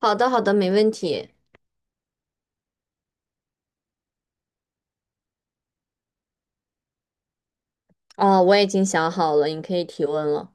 好的，好的，没问题。哦，我已经想好了，你可以提问了。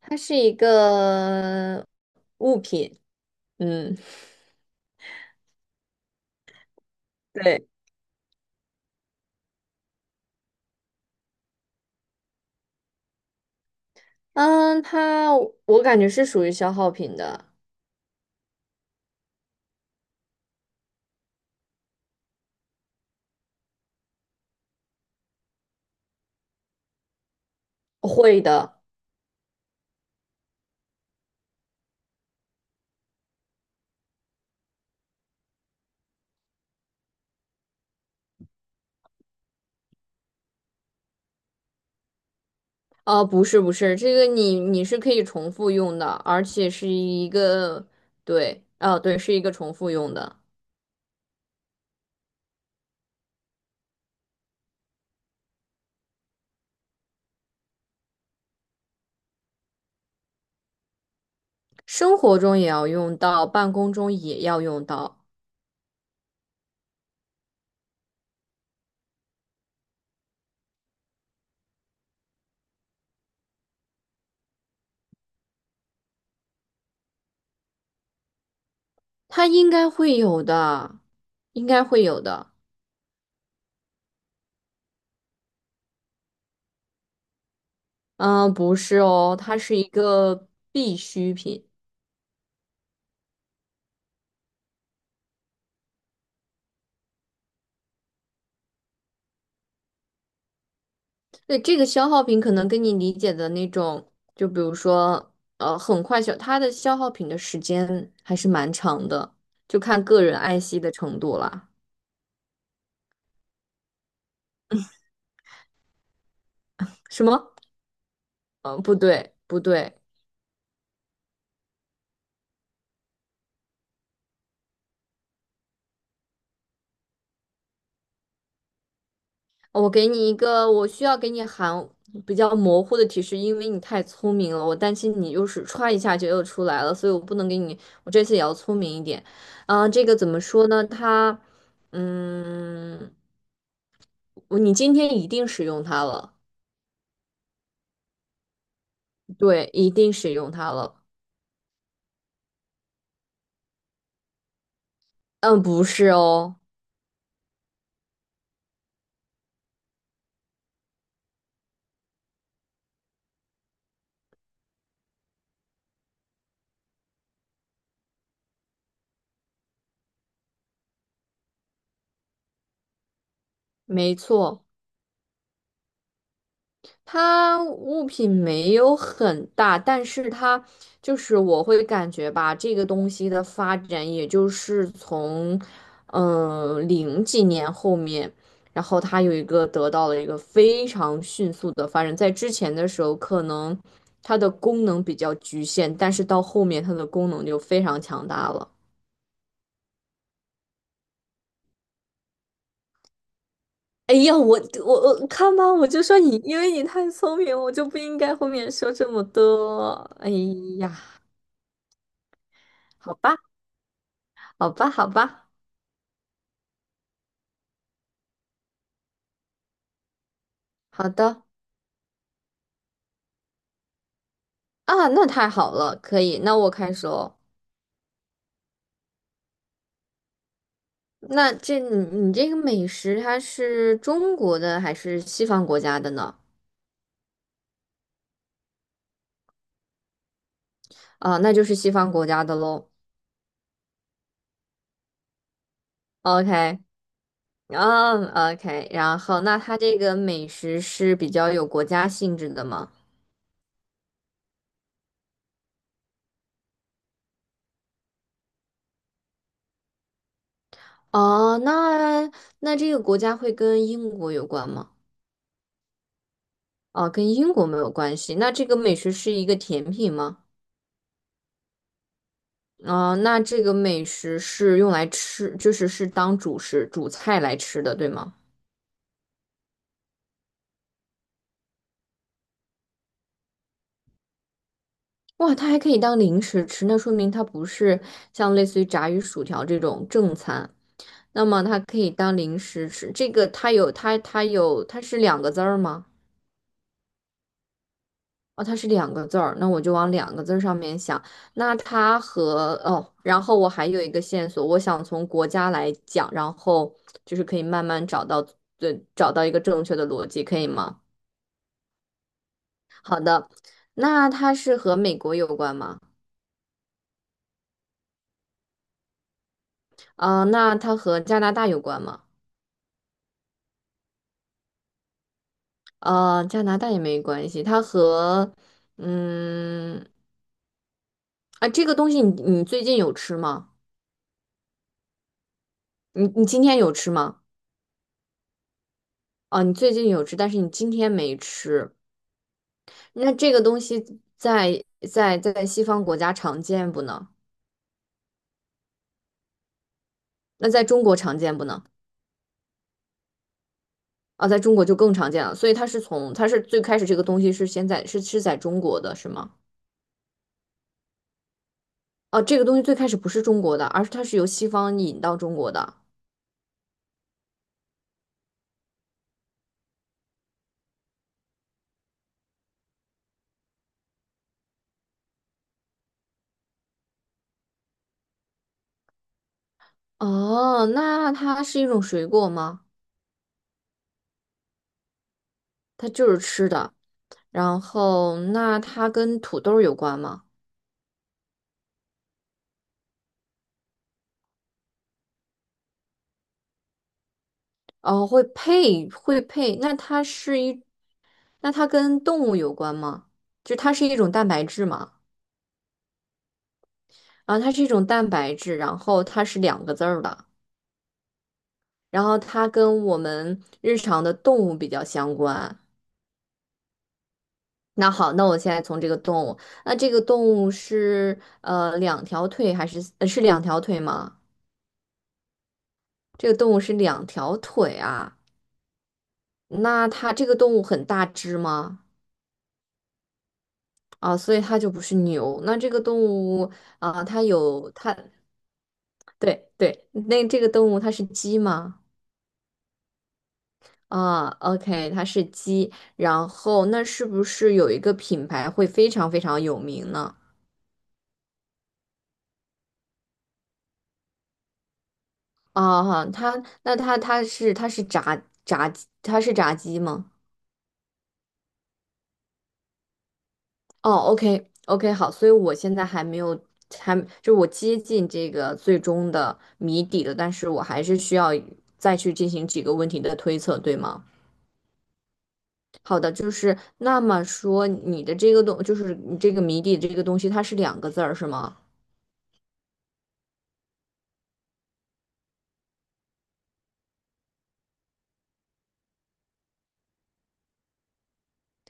它是一个物品，嗯，对。嗯，它我感觉是属于消耗品的。会的。啊，不是，不是，这个你是可以重复用的，而且是一个，对，啊，对，是一个重复用的。生活中也要用到，办公中也要用到。它应该会有的，应该会有的。嗯，不是哦，它是一个必需品。对，这个消耗品可能跟你理解的那种，就比如说，很快消，它的消耗品的时间还是蛮长的，就看个人爱惜的程度啦。什么？嗯，不对，不对。我给你一个，我需要给你含比较模糊的提示，因为你太聪明了，我担心你又是歘一下就又出来了，所以我不能给你，我这次也要聪明一点。啊、这个怎么说呢？它，嗯，我你今天一定使用它了。对，一定使用它了。嗯，不是哦。没错。它物品没有很大，但是它就是我会感觉吧，这个东西的发展，也就是从零几年后面，然后它有一个得到了一个非常迅速的发展，在之前的时候可能它的功能比较局限，但是到后面它的功能就非常强大了。哎呀，我我看吧，我就说你，因为你太聪明，我就不应该后面说这么多。哎呀，好吧。好吧，好吧，好的。啊，那太好了，可以，那我开始哦。那这你你这个美食，它是中国的还是西方国家的呢？啊，那就是西方国家的喽。OK，嗯，OK，然后那它这个美食是比较有国家性质的吗？哦，那这个国家会跟英国有关吗？哦，跟英国没有关系。那这个美食是一个甜品吗？哦，那这个美食是用来吃，就是是当主食、主菜来吃的，对吗？哇，它还可以当零食吃，那说明它不是像类似于炸鱼薯条这种正餐，那么它可以当零食吃。这个它是两个字儿吗？哦，它是两个字儿，那我就往两个字儿上面想。那它和哦，然后我还有一个线索，我想从国家来讲，然后就是可以慢慢找到，对，找到一个正确的逻辑，可以吗？那它是和美国有关吗？啊，那它和加拿大有关吗？呃，加拿大也没关系。它和，嗯，啊，这个东西你最近有吃吗？你今天有吃吗？啊，你最近有吃，但是你今天没吃。那这个东西在西方国家常见不呢？那在中国常见不呢？啊，在中国就更常见了。所以它是从它是最开始这个东西是先在是在中国的是吗？哦，这个东西最开始不是中国的，而是它是由西方引到中国的。哦，那它是一种水果吗？它就是吃的。然后，那它跟土豆儿有关吗？哦，会配。那它是一，那它跟动物有关吗？就它是一种蛋白质嘛？啊，它是一种蛋白质，然后它是两个字儿的，然后它跟我们日常的动物比较相关。那好，那我现在从这个动物，那这个动物是两条腿还是是两条腿吗？这个动物是两条腿啊，那它这个动物很大只吗？啊，所以它就不是牛。那这个动物啊，它有它，对对，那这个动物它是鸡吗？啊，OK，它是鸡。然后那是不是有一个品牌会非常非常有名呢？啊，哈，它那它是炸鸡，它是炸鸡吗？哦，OK OK,好，所以我现在还没有，还就是我接近这个最终的谜底了，但是我还是需要再去进行几个问题的推测，对吗？好的，就是那么说你的这个东，就是你这个谜底这个东西，它是两个字儿是吗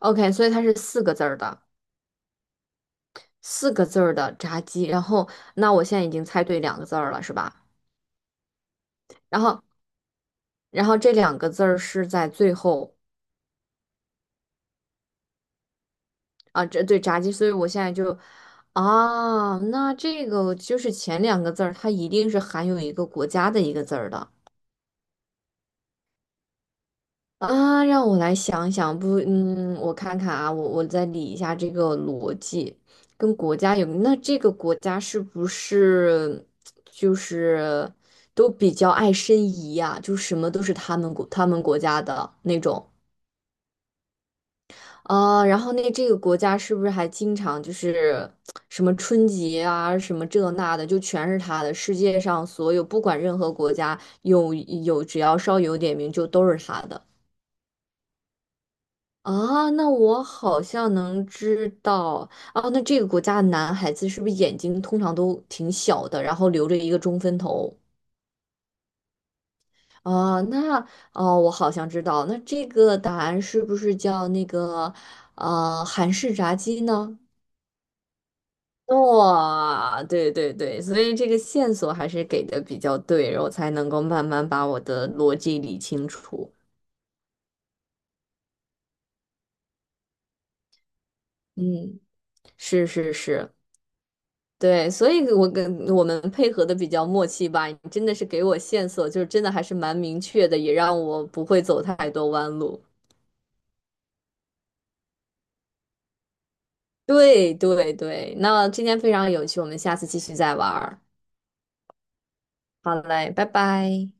？OK，所以它是四个字儿的，四个字儿的炸鸡。然后那我现在已经猜对两个字儿了，是吧？然后然后这两个字儿是在最后。啊，这对炸鸡，所以我现在就，啊，那这个就是前两个字儿，它一定是含有一个国家的一个字儿的啊。让我来想想，不，嗯，我看看啊，我再理一下这个逻辑，跟国家有，那这个国家是不是就是都比较爱申遗呀、就什么都是他们国家的那种。啊，然后那这个国家是不是还经常就是什么春节啊，什么这那的，就全是他的。世界上所有不管任何国家有，只要稍有点名就都是他的啊。那我好像能知道啊，那这个国家的男孩子是不是眼睛通常都挺小的，然后留着一个中分头啊？那哦，我好像知道，那这个答案是不是叫那个韩式炸鸡呢？哇，对对对，所以这个线索还是给的比较对，然后才能够慢慢把我的逻辑理清楚。嗯，是是是，对，所以我跟我们配合的比较默契吧。你真的是给我线索，就是真的还是蛮明确的，也让我不会走太多弯路。对对对，那今天非常有趣，我们下次继续再玩儿。好嘞，拜拜。